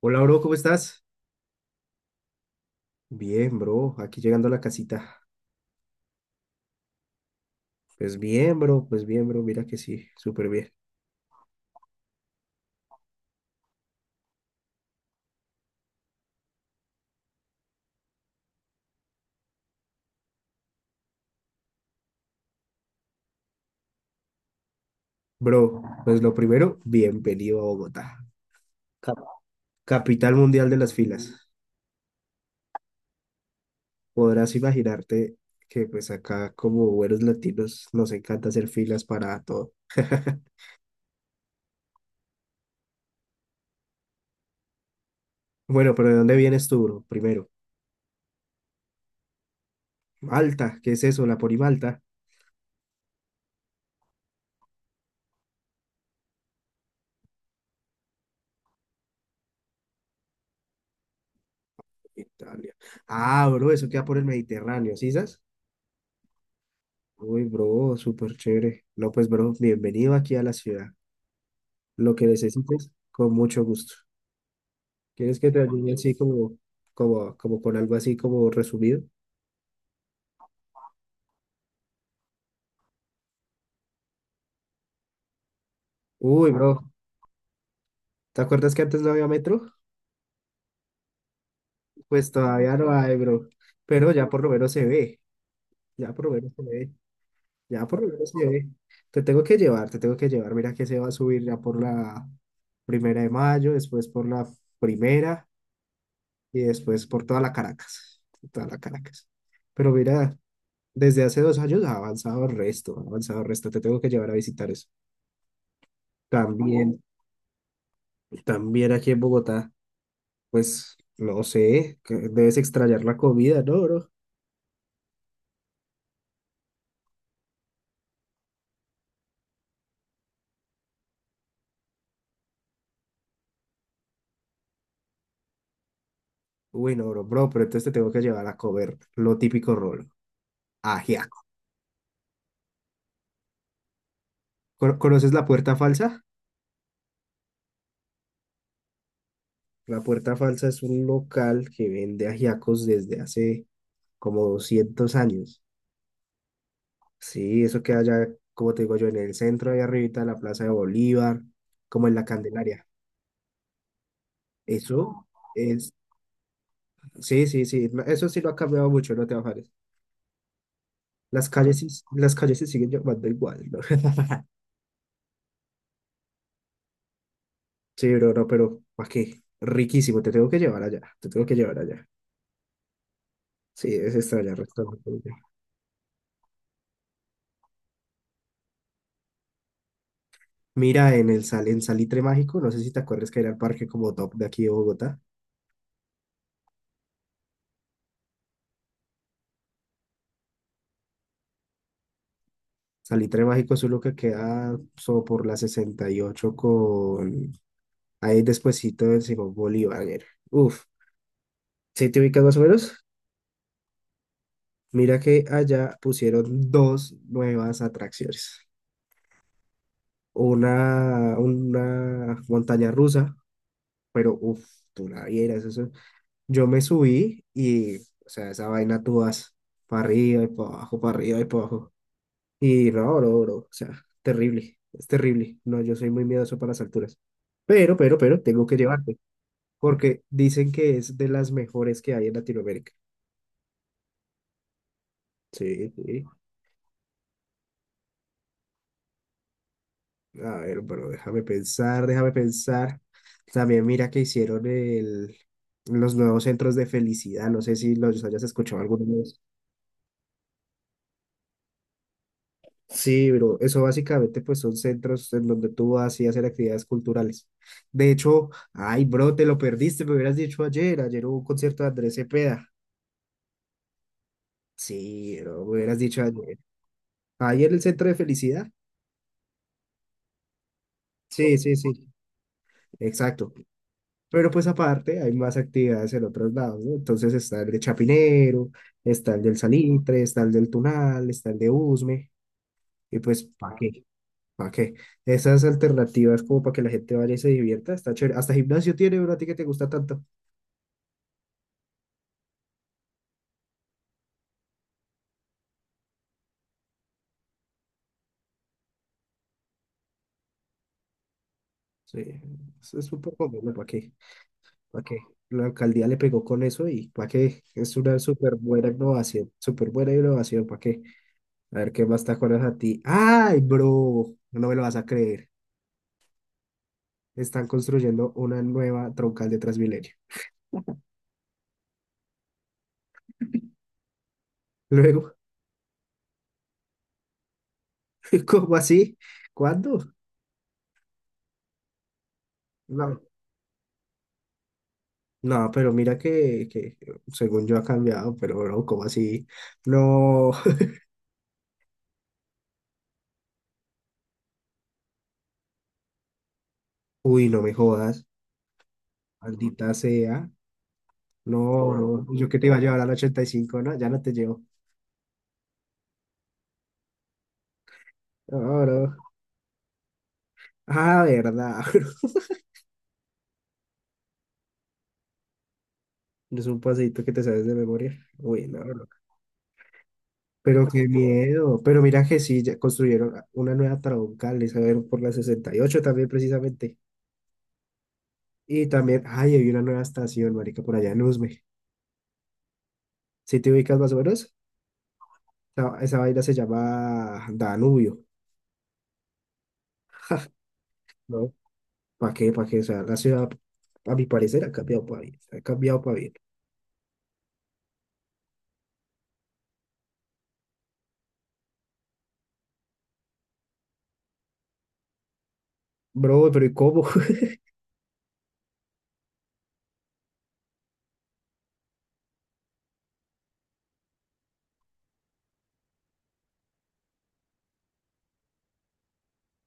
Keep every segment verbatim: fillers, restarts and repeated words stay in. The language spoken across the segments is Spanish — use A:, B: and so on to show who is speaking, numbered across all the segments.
A: Hola, bro, ¿cómo estás? Bien, bro, aquí llegando a la casita. Pues bien, bro, pues bien, bro, mira que sí, súper bien. Bro, pues lo primero, bienvenido a Bogotá, cap- capital mundial de las filas. Podrás imaginarte que pues acá como buenos latinos nos encanta hacer filas para todo. Bueno, pero ¿de dónde vienes tú, bro? Primero, Malta, ¿qué es eso? ¿La Ponimalta? Italia. Ah, bro, eso queda por el Mediterráneo, ¿sí sabes? Uy, bro, súper chévere. No, pues, bro, bienvenido aquí a la ciudad. Lo que necesites, con mucho gusto. ¿Quieres que te ayude así como, como, como con algo así como resumido? Uy, bro, ¿te acuerdas que antes no había metro? Pues todavía no hay, bro. Pero ya por lo menos se ve, ya por lo menos se ve, ya por lo menos se ve. Te tengo que llevar, te tengo que llevar. Mira que se va a subir ya por la primera de mayo, después por la primera y después por toda la Caracas, toda la Caracas. Pero mira, desde hace dos años ha avanzado el resto, ha avanzado el resto. Te tengo que llevar a visitar eso. También, también aquí en Bogotá, pues no sé, que debes extrañar la comida, ¿no, bro? Uy, no, bro, bro, pero entonces te tengo que llevar a comer lo típico rolo, ajiaco. ¿Cono- ¿Conoces la Puerta Falsa? La Puerta Falsa es un local que vende ajiacos desde hace como doscientos años. Sí, eso queda allá, como te digo yo, en el centro, ahí arribita de la Plaza de Bolívar, como en la Candelaria. Eso es, sí, sí, sí, no, eso sí lo ha cambiado mucho, no te bajes. Las calles, sí- las calles se siguen llamando igual, ¿no? Sí, bro, no, pero ¿para qué? Riquísimo, te tengo que llevar allá, te tengo que llevar allá. Sí, es extrañar restaurante. Mira, en el sal, en Salitre Mágico, no sé si te acuerdas que era el parque como top de aquí de Bogotá. Salitre Mágico es uno que queda so por la sesenta y ocho con ahí despuesito del Simón Bolívar. Uf, ¿sí te ubicas más o menos? Mira que allá pusieron dos nuevas atracciones. una, una montaña rusa, pero uff, tú la vieras, eso. Yo me subí y, o sea, esa vaina tú vas para arriba y para abajo, para arriba y para abajo. Y no, bro, bro, o sea, terrible, es terrible. No, yo soy muy miedoso para las alturas. Pero, pero, pero, tengo que llevarte, porque dicen que es de las mejores que hay en Latinoamérica. Sí, sí. A ver, pero déjame pensar, déjame pensar. También mira que hicieron el, los nuevos centros de felicidad. No sé si los hayas escuchado alguna vez. Sí, pero eso básicamente pues son centros en donde tú vas y hacer actividades culturales. De hecho, ay, bro, te lo perdiste, me hubieras dicho ayer. Ayer hubo un concierto de Andrés Cepeda. Sí, bro, me hubieras dicho ayer. Ayer el centro de felicidad. Sí, sí, sí. Exacto. Pero pues aparte hay más actividades en otros lados, ¿no? Entonces está el de Chapinero, está el del Salitre, está el del Tunal, está el de Usme, y pues ¿para qué? ¿Para qué? Esas alternativas como para que la gente vaya y se divierta, está chévere. Hasta gimnasio tiene, bro, a ti que te gusta tanto. Sí, eso es súper bueno, ¿para qué? ¿Para qué? La alcaldía le pegó con eso y ¿para qué? Es una súper buena innovación, súper buena innovación, ¿para qué? A ver qué más te tacones a ti. ¡Ay, bro! No me lo vas a creer. Están construyendo una nueva troncal de Transmilenio. Luego, ¿cómo así? ¿Cuándo? No, no, pero mira que, que según yo ha cambiado, pero bro, ¿cómo así? No, uy, no me jodas, maldita sea. No, bro, yo que te iba a llevar al ochenta y cinco, no, ya no te llevo. No, bro. Ah, verdad. Es un pasito que te sabes de memoria. Uy, no, bro. Pero qué miedo. Pero mira que sí, ya construyeron una nueva troncal, esa ver por la sesenta y ocho también precisamente. Y también, ay, hay una nueva estación, marica, por allá en Usme. Si te ubicas más o menos, esa, esa vaina se llama Danubio. ¿no? ¿Para qué? ¿Para qué? O sea, la ciudad, a mi parecer, ha cambiado para bien. Ha cambiado para bien. Bro, pero ¿y cómo?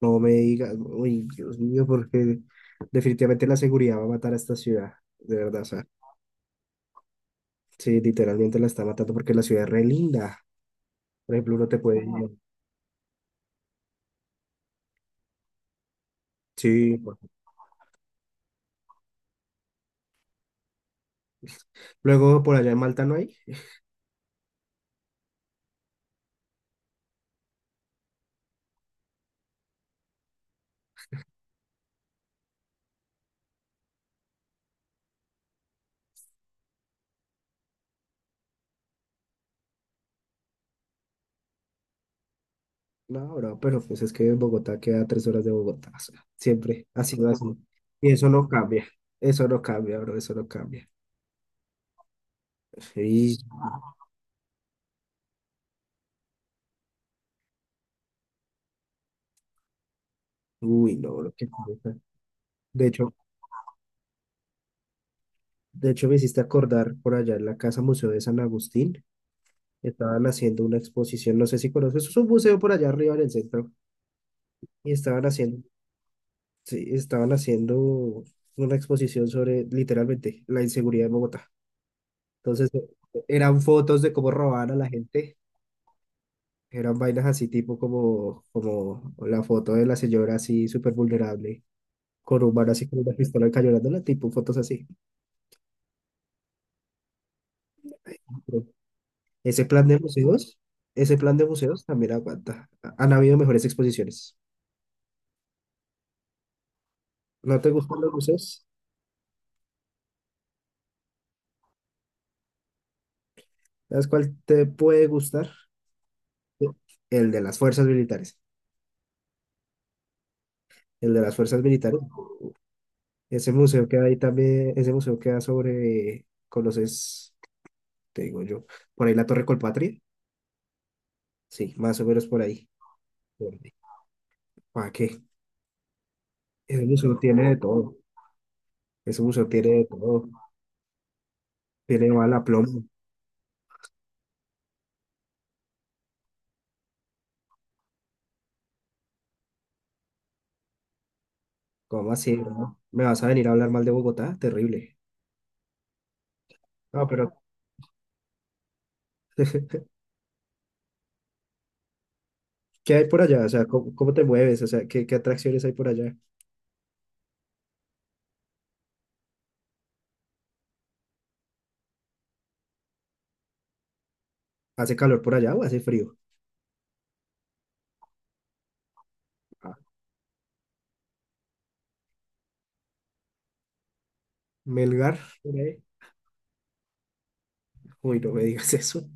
A: No me digas, uy, Dios mío, porque definitivamente la seguridad va a matar a esta ciudad, de verdad, o sea, sí, literalmente la está matando porque la ciudad es re linda. Por ejemplo, uno te puede... Ajá. Sí, luego por allá en Malta no hay. No, bro, pero pues es que Bogotá queda a tres horas de Bogotá, o sea, siempre ha sido así. Y eso no cambia, eso no cambia, bro, eso no cambia. Y, uy, no, bro, qué cosa. De hecho, de hecho me hiciste acordar por allá en la Casa Museo de San Agustín, estaban haciendo una exposición, no sé si conoces, es un museo por allá arriba en el centro, y estaban haciendo, sí, estaban haciendo una exposición sobre literalmente la inseguridad de Bogotá. Entonces, eh, eran fotos de cómo robaban a la gente. Eran vainas así tipo como, como la foto de la señora así súper vulnerable, con un man así con una pistola cañonándola, tipo fotos así. Pero ese plan de museos, ese plan de museos también aguanta. Ha- Han habido mejores exposiciones. ¿No te gustan los museos? ¿Sabes cuál te puede gustar? El de las fuerzas militares. El de las fuerzas militares. Ese museo que hay también, ese museo queda sobre, ¿conoces? ¿Qué Te digo yo, por ahí la Torre Colpatria. Sí, más o menos por ahí. ¿Para qué? Ese museo tiene de todo. Ese museo tiene de todo. Tiene mal a plomo. ¿Cómo así, no? ¿Me vas a venir a hablar mal de Bogotá? Terrible. No, pero ¿qué hay por allá? O sea, ¿cómo, cómo te mueves? O sea, ¿qué, qué atracciones hay por allá? ¿Hace calor por allá o hace frío? Ah, Melgar. Por ahí. Uy, no me digas eso.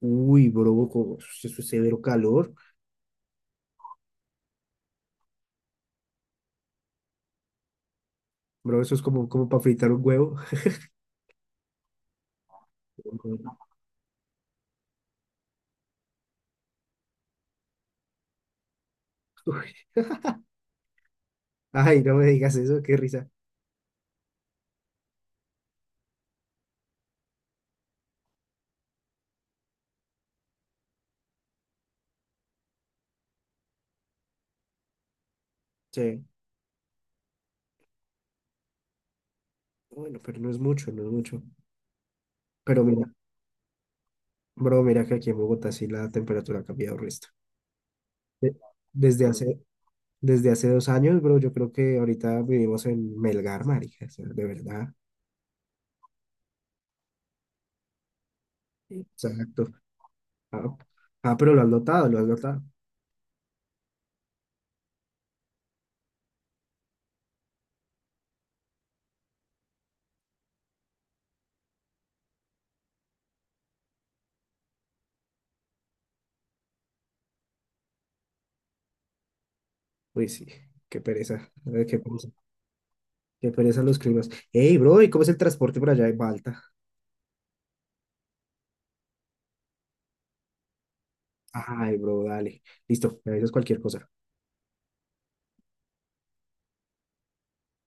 A: Uy, bro, como- eso es severo calor. Bro, eso es como, como para fritar un huevo. Uy, ay, no me digas eso, qué risa. Sí. Bueno, pero no es mucho, no es mucho. Pero mira, bro, mira que aquí en Bogotá sí la temperatura ha cambiado resto. De- Desde hace, desde hace dos años, bro, yo creo que ahorita vivimos en Melgar, marica, o sea, de verdad. Sí. Exacto. Ah, ah, pero lo has notado, lo has notado. Uy, sí, qué pereza, eh, qué pereza, qué pereza los climas. Ey, bro, ¿y cómo es el transporte por allá en Malta? Ay, bro, dale. Listo, me avisas cualquier cosa.